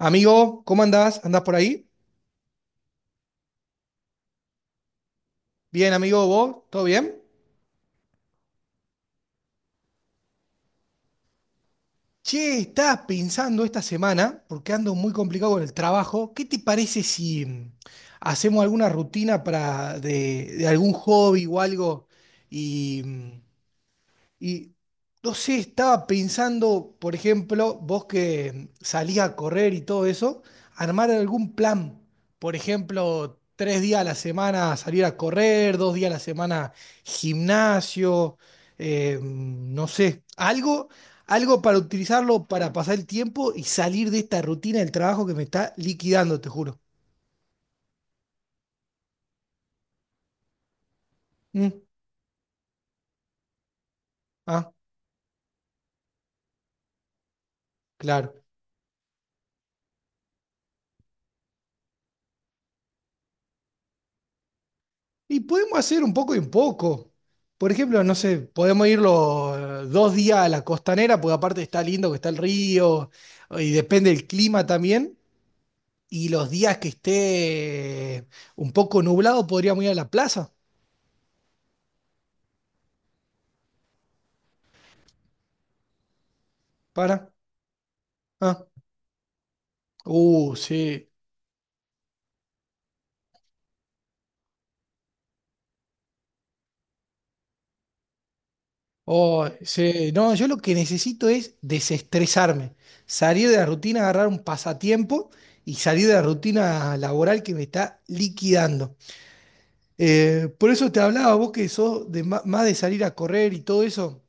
Amigo, ¿cómo andás? ¿Andás por ahí? Bien, amigo, ¿vos? ¿Todo bien? Che, estaba pensando esta semana, porque ando muy complicado con el trabajo, ¿qué te parece si hacemos alguna rutina para de algún hobby o algo y, mm, Y no sé, estaba pensando, por ejemplo, vos que salías a correr y todo eso, armar algún plan. Por ejemplo, 3 días a la semana salir a correr, 2 días a la semana gimnasio, no sé, algo, algo para utilizarlo para pasar el tiempo y salir de esta rutina del trabajo que me está liquidando, te juro. Mm. Ah, claro. Y podemos hacer un poco y un poco. Por ejemplo, no sé, podemos ir los dos días a la costanera, porque aparte está lindo que está el río, y depende del clima también. Y los días que esté un poco nublado, podríamos ir a la plaza. Para. Ah. Sí. Oh, sí. No, yo lo que necesito es desestresarme, salir de la rutina, agarrar un pasatiempo y salir de la rutina laboral que me está liquidando. Por eso te hablaba, vos que sos de más de salir a correr y todo eso,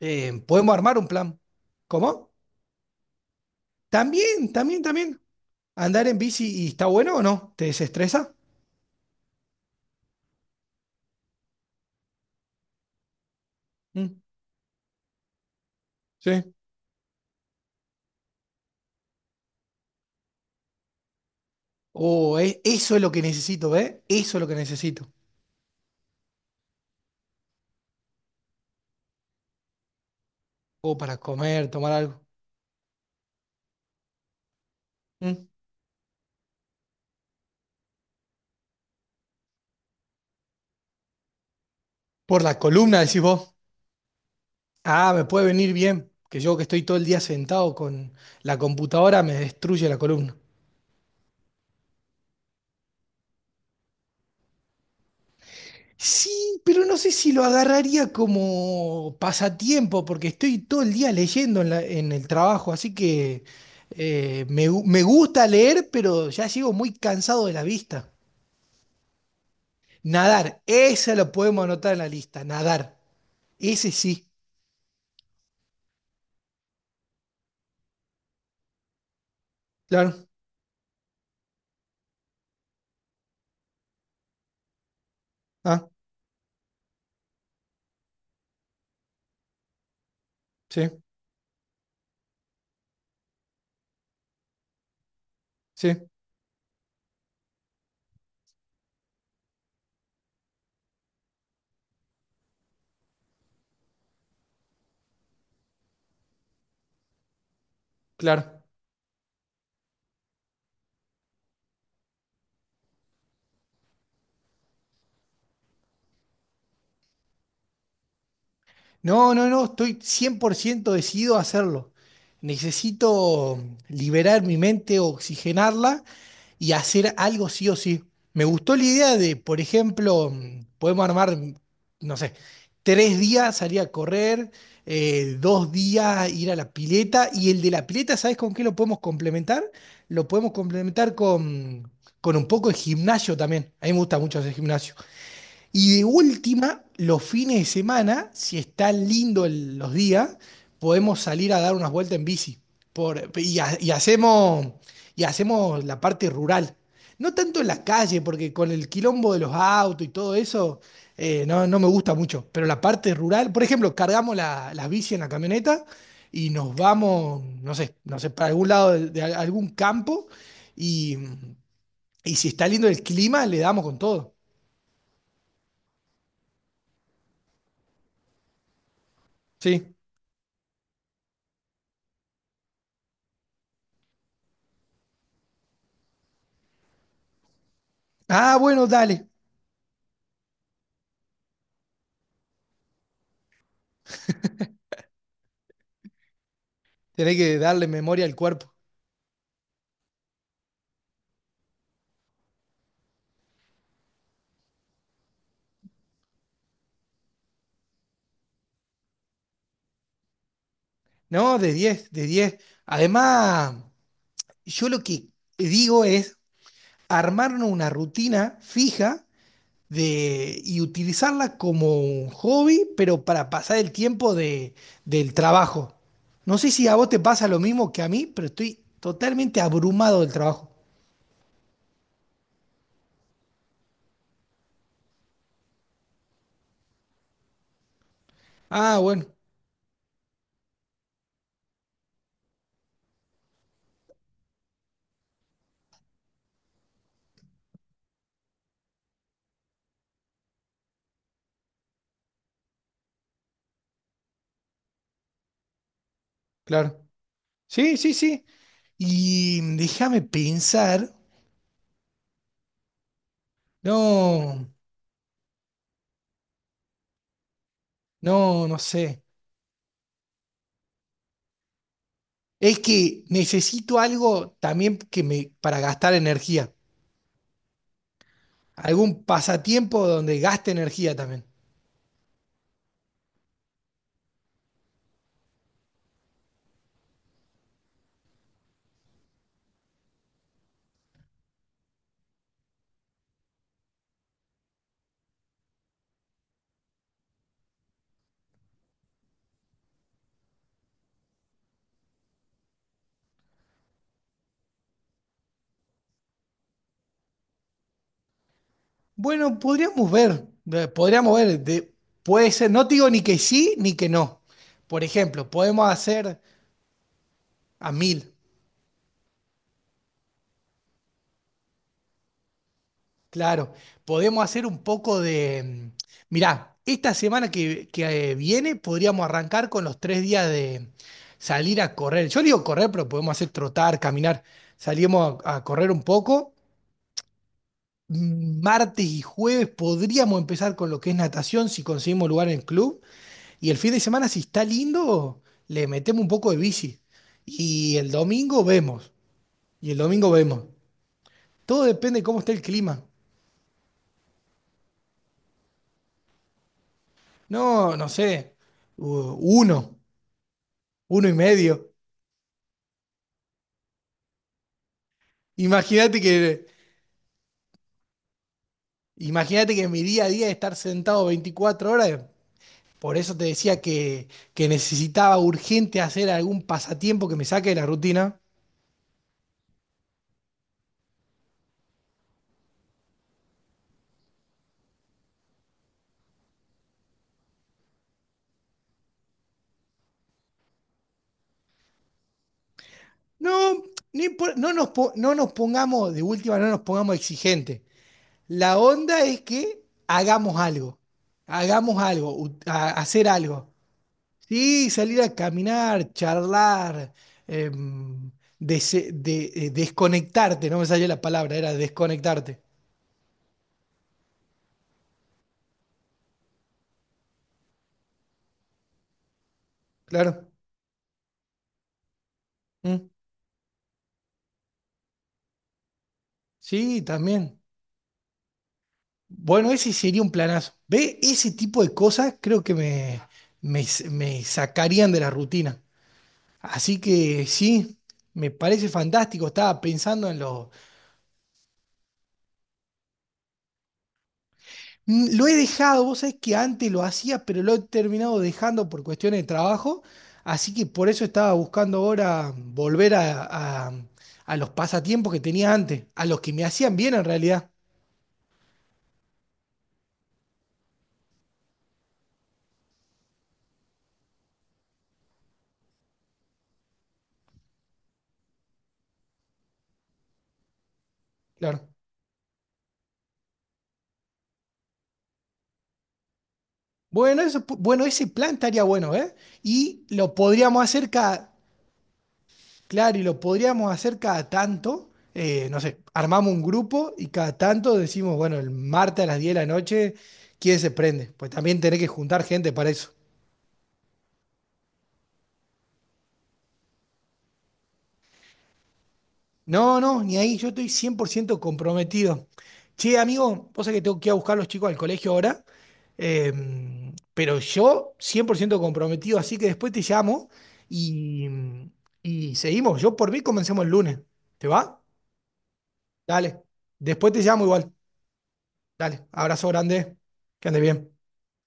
podemos armar un plan. ¿Cómo? También, también, también. ¿Andar en bici y está bueno o no? ¿Te desestresa? Mm. Sí. Oh, eso es lo que necesito, ¿eh? Eso es lo que necesito. O para comer, tomar algo. Mm. Por la columna, decís vos. Ah, me puede venir bien, que yo que estoy todo el día sentado con la computadora me destruye la columna. Sí, pero no sé si lo agarraría como pasatiempo, porque estoy todo el día leyendo en el trabajo, así que me gusta leer, pero ya llego muy cansado de la vista. Nadar, esa lo podemos anotar en la lista, nadar. Ese sí, claro. Ah, sí, sí, claro. No, no, no, estoy 100% decidido a hacerlo. Necesito liberar mi mente, oxigenarla y hacer algo sí o sí. Me gustó la idea de, por ejemplo, podemos armar, no sé, 3 días salir a correr, 2 días ir a la pileta y el de la pileta, ¿sabes con qué lo podemos complementar? Lo podemos complementar con un poco de gimnasio también. A mí me gusta mucho hacer gimnasio. Y de última, los fines de semana, si está lindo los días, podemos salir a dar unas vueltas en bici. Por, y, ha- y hacemos la parte rural. No tanto en la calle, porque con el quilombo de los autos y todo eso, no, no me gusta mucho. Pero la parte rural, por ejemplo, cargamos las bici en la camioneta y nos vamos, no sé, no sé, para algún lado de algún campo. Y, y si está lindo el clima, le damos con todo. Sí. Ah, bueno, dale. Tenés que darle memoria al cuerpo. No, de 10, de 10. Además, yo lo que digo es armarnos una rutina fija de, y utilizarla como un hobby, pero para pasar el tiempo del trabajo. No sé si a vos te pasa lo mismo que a mí, pero estoy totalmente abrumado del trabajo. Ah, bueno, claro. Sí, sí, sí. Y déjame pensar. No, no, no sé. Es que necesito algo también que me, para gastar energía. Algún pasatiempo donde gaste energía también. Bueno, podríamos ver, puede ser, no te digo ni que sí ni que no. Por ejemplo, podemos hacer a mil, claro, podemos hacer un poco mirá, esta semana que viene podríamos arrancar con los 3 días de salir a correr. Yo digo correr, pero podemos hacer trotar, caminar, salimos a correr un poco martes y jueves podríamos empezar con lo que es natación si conseguimos lugar en el club. Y el fin de semana, si está lindo, le metemos un poco de bici. Y el domingo vemos. Y el domingo vemos. Todo depende de cómo esté el clima. No, no sé. Uno, uno y medio. Imagínate que, imagínate que mi día a día es estar sentado 24 horas. Por eso te decía que necesitaba urgente hacer algún pasatiempo que me saque de la rutina. No, ni por- no nos, po- no nos pongamos, de última, no nos pongamos exigentes. La onda es que hagamos algo, hagamos algo, hacer algo. Sí, salir a caminar, charlar, em, desconectarte, no me salió la palabra, era desconectarte. Claro. Mm. Sí, también. Bueno, ese sería un planazo. ¿Ve? Ese tipo de cosas creo que me, me sacarían de la rutina. Así que sí, me parece fantástico. Estaba pensando en lo. Lo he dejado, vos sabés que antes lo hacía, pero lo he terminado dejando por cuestiones de trabajo. Así que por eso estaba buscando ahora volver a los pasatiempos que tenía antes, a los que me hacían bien en realidad. Claro. Bueno, ese plan estaría bueno, ¿eh? Y lo podríamos hacer cada. Claro, y lo podríamos hacer cada tanto. No sé, armamos un grupo y cada tanto decimos, bueno, el martes a las 10 de la noche, ¿quién se prende? Pues también tenés que juntar gente para eso. No, no, ni ahí yo estoy 100% comprometido. Che, amigo, vos sabés que tengo que ir a buscar a los chicos al colegio ahora, pero yo 100% comprometido, así que después te llamo y, y seguimos. Yo por mí comencemos el lunes. ¿Te va? Dale. Después te llamo igual. Dale, abrazo grande, que ande bien.